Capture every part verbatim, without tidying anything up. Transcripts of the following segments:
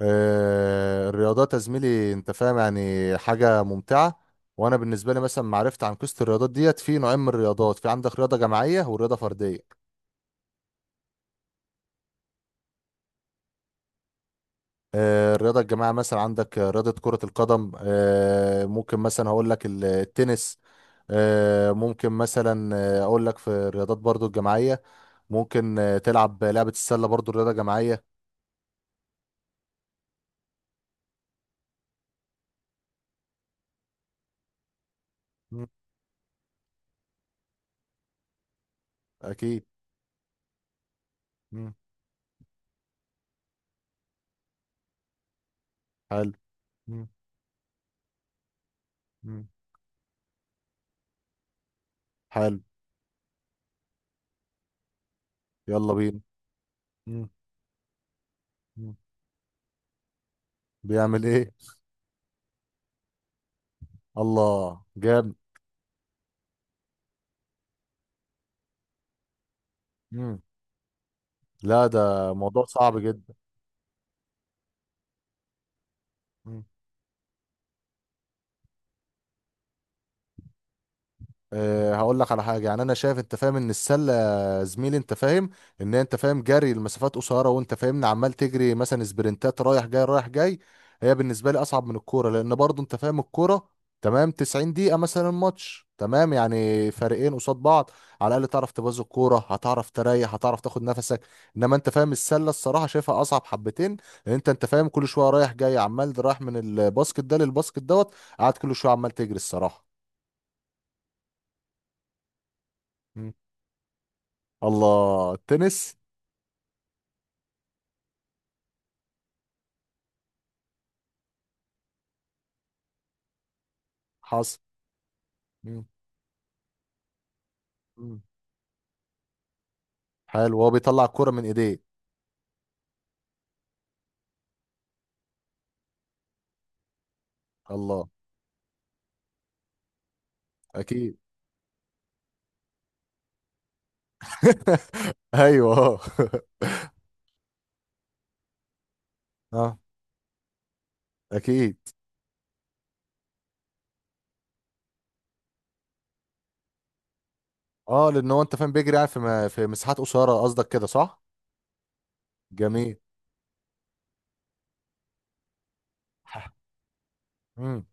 آه، الرياضات يا زميلي انت فاهم يعني حاجة ممتعة. وانا بالنسبة لي مثلا معرفت عن قصة الرياضات ديت، في نوعين من الرياضات، في عندك رياضة جماعية ورياضة فردية. آه، الرياضة الجماعية مثلا عندك آه، رياضة كرة القدم، آه، ممكن مثلا هقول لك ال- التنس. آه، ممكن مثلا آه، اقول لك في الرياضات برضو الجماعية، ممكن آه، تلعب لعبة السلة برضو رياضة جماعية. مم. اكيد. مم. حلو. مم. مم. حلو. يلا بينا. مم. مم. بيعمل ايه؟ الله جامد. مم. لا، ده موضوع صعب جدا. مم. أه هقول لك على حاجه، يعني انا شايف انت فاهم ان السله يا زميلي انت فاهم ان انت فاهم جري المسافات قصيره، وانت فاهمني عمال تجري مثلا سبرنتات رايح جاي رايح جاي. هي بالنسبه لي اصعب من الكوره، لان برضو انت فاهم الكوره تمام، تسعين دقيقه مثلا ماتش تمام، يعني فريقين قصاد بعض، على الاقل تعرف تبوظ الكوره، هتعرف تريح، هتعرف تاخد نفسك. انما انت فاهم السله الصراحه شايفها اصعب حبتين، لان انت انت فاهم كل شويه رايح جاي، عمال رايح من الباسكت ده للباسكت دوت، قاعد كل شويه عمال تجري الصراحه. الله، التنس. حصل. مم. مم. حلو، هو بيطلع الكرة من ايديه. الله. اكيد. ايوه اه. اه اكيد. اه لان هو انت فاهم بيجري يعني في م- في مساحات قصيرة، قصدك كده صح؟ جميل. ح- مم.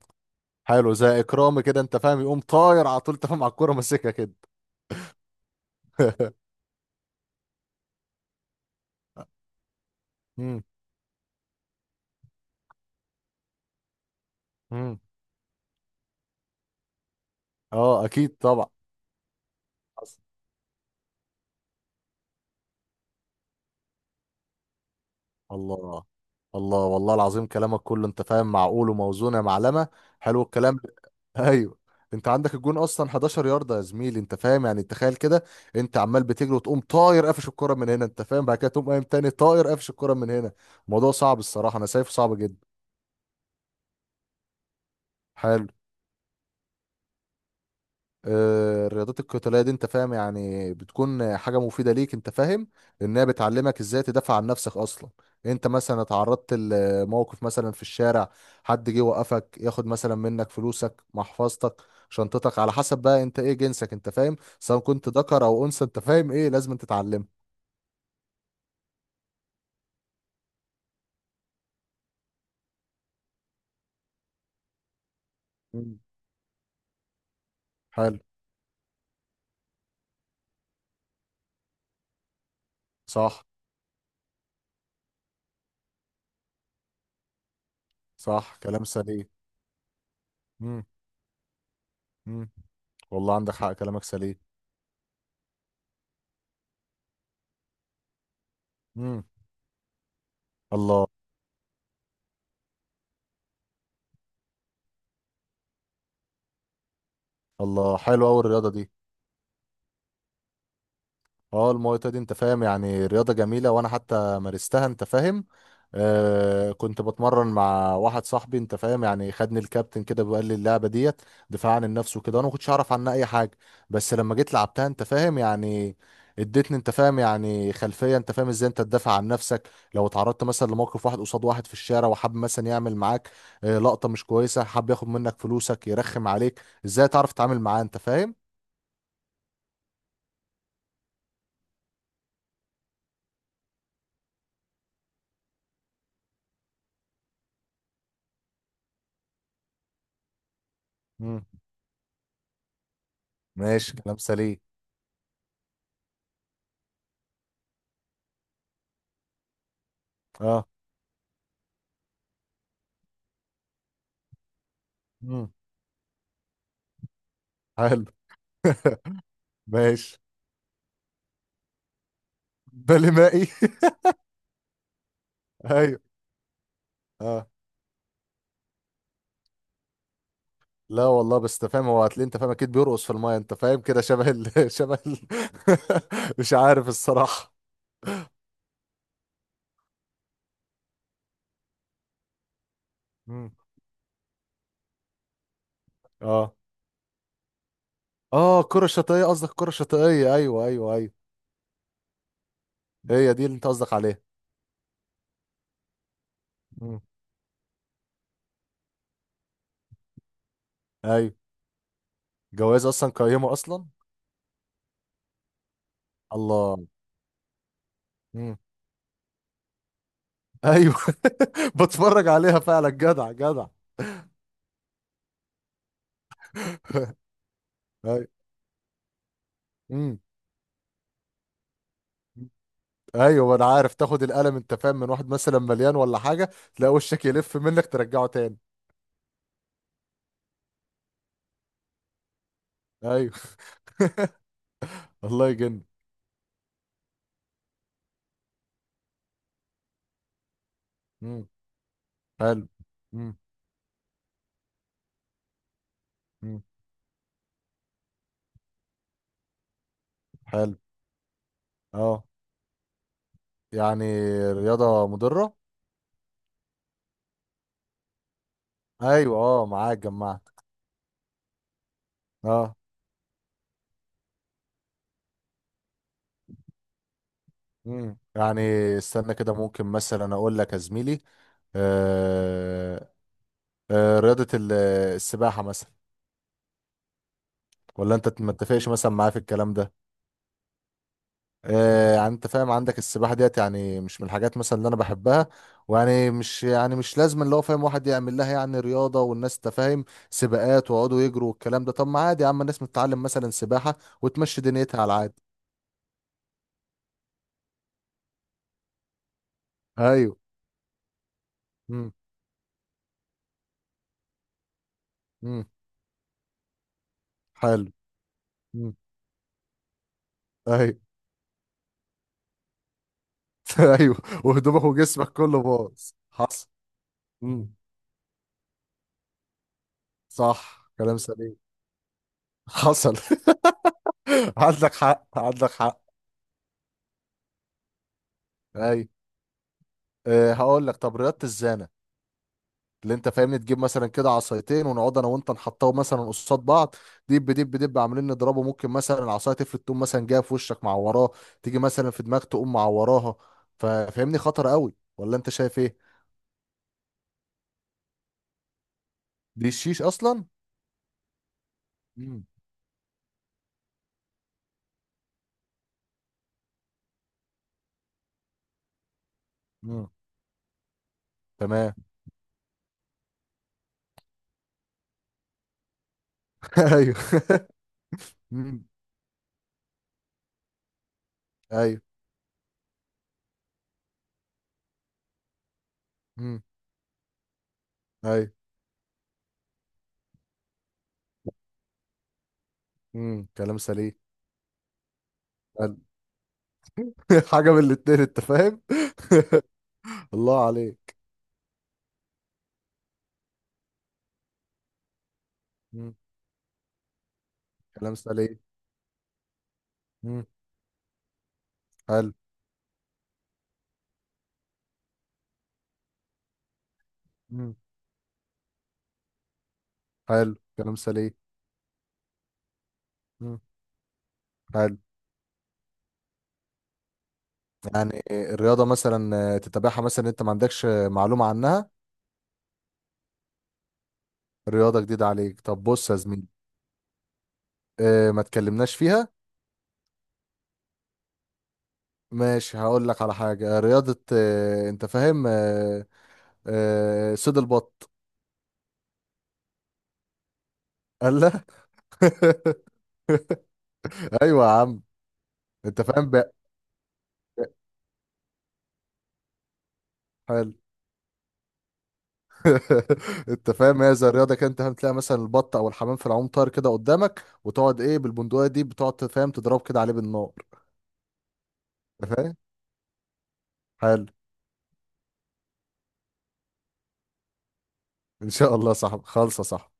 حلو، زي اكرامي كده انت فاهم، يقوم طاير على طول تفهم على الكرة ماسكها كده. مم. مم. اه اكيد طبعا. الله. الله، والله العظيم كلامك كله انت فاهم معقول وموزون يا معلمه. حلو الكلام. ايوه. انت عندك الجون اصلا احدعشر يارده يا زميلي انت فاهم، يعني تخيل كده، انت عمال بتجري وتقوم طاير قافش الكره من هنا انت فاهم، بعد كده تقوم قايم تاني طاير قافش الكره من هنا. الموضوع صعب الصراحه، انا شايفه صعب جدا. حلو. آه، الرياضات القتالية دي انت فاهم يعني بتكون حاجة مفيدة ليك انت فاهم، لانها بتعلمك ازاي تدافع عن نفسك اصلا. انت مثلا اتعرضت لموقف مثلا في الشارع، حد جه وقفك ياخد مثلا منك فلوسك، محفظتك، شنطتك، على حسب بقى انت ايه جنسك انت فاهم، سواء كنت ذكر او انثى انت فاهم ايه لازم تتعلمه. مم. حلو. صح. صح كلام سليم. مم. مم. والله عندك حق، كلامك سليم. مم. الله. الله، حلو قوي الرياضة دي. اه، الماي دي انت فاهم يعني رياضة جميلة، وانا حتى مارستها انت فاهم. آه كنت بتمرن مع واحد صاحبي انت فاهم، يعني خدني الكابتن كده وقال لي اللعبة ديت دفاع عن النفس وكده، انا ما كنتش اعرف عنها اي حاجة، بس لما جيت لعبتها انت فاهم يعني اديتني انت فاهم يعني خلفية انت فاهم ازاي انت تدافع عن نفسك لو اتعرضت مثلا لموقف واحد قصاد واحد في الشارع، وحب مثلا يعمل معاك آه، لقطة مش كويسة، حب ياخد منك فلوسك، يرخم عليك، ازاي تعرف تتعامل معاه انت فاهم. مم. ماشي كلام سليم. اه. مم. حلو. ماشي. بالي مائي. ايوه اه. لا والله، بس انت فاهم هو هتلاقي انت فاهم اكيد بيرقص في المايه انت فاهم كده شبه ال... شبه ال... مش عارف الصراحه. مم. اه. اه، الكره الشاطئيه قصدك، الكره الشاطئيه، ايوه ايوه ايوه. هي دي اللي انت قصدك عليها. مم. ايوه. جواز اصلا، قيمه اصلا. الله. مم. ايوه. بتفرج عليها فعلا، جدع جدع. ايوه. مم. ايوه، ما انا عارف، تاخد القلم انت فاهم من واحد مثلا مليان ولا حاجه، تلاقي وشك يلف منك ترجعه تاني. ايوه. الله يجن. امم حلو. امم امم حلو. اه. يعني رياضه مضره. ايوه اه معاك جمعت. اه. امم يعني استنى كده، ممكن مثلا اقول لك يا زميلي، آه آه رياضه ال- السباحه مثلا. ولا انت ما تتفقش مثلا معايا في الكلام ده؟ آه، يعني انت فاهم عندك السباحه ديت يعني مش من الحاجات مثلا اللي انا بحبها، ويعني مش يعني مش لازم اللي هو فاهم واحد يعمل لها يعني رياضه، والناس تفاهم سباقات ويقعدوا يجروا والكلام ده، طب ما عادي يا عم، الناس متتعلم مثلا سباحه وتمشي دنيتها على العادي. ايوه. امم امم حلو. امم ايوه. ايوه. وهدومك وجسمك كله باظ. حصل. امم صح كلام سليم. حصل. عندك حق، عندك حق. ايوه. أه هقول لك، طب رياضه الزانه اللي انت فاهمني، تجيب مثلا كده عصايتين ونقعد انا وانت نحطهم مثلا قصاد بعض، دب دب دب عاملين نضربه، ممكن مثلا العصايه تفلت، تقوم مثلا جايه في وشك معوراه، تيجي مثلا في دماغ تقوم معوراها، ففاهمني خطر قوي ولا انت شايف ايه؟ دي الشيش اصلا. امم امم تمام. ايوه. امم ايوه. امم ايوه. امم كلام سليم. حلو. حاجه من الاتنين انت فاهم. الله عليك. امم كلام سليم. امم حلو. امم حلو، كلام سليم. امم حلو. يعني الرياضة مثلا آه، تتابعها مثلا انت ما عندكش آه، معلومة عنها. رياضة جديدة عليك؟ طب بص يا زميلي، اه ما تكلمناش فيها. ماشي، هقول لك على حاجة، رياضة اه انت فاهم، اه، اه صيد البط. قال لا. ايوه يا عم، انت فاهم بقى. حلو. انت فاهم، هي زي الرياضه كده انت فاهم، تلاقي مثلا البط او الحمام في العوم طاير كده قدامك، وتقعد ايه بالبندقيه دي، بتقعد فاهم تضرب كده عليه بالنار. انت فاهم. حلو. ان شاء الله. صح خالصه، صح.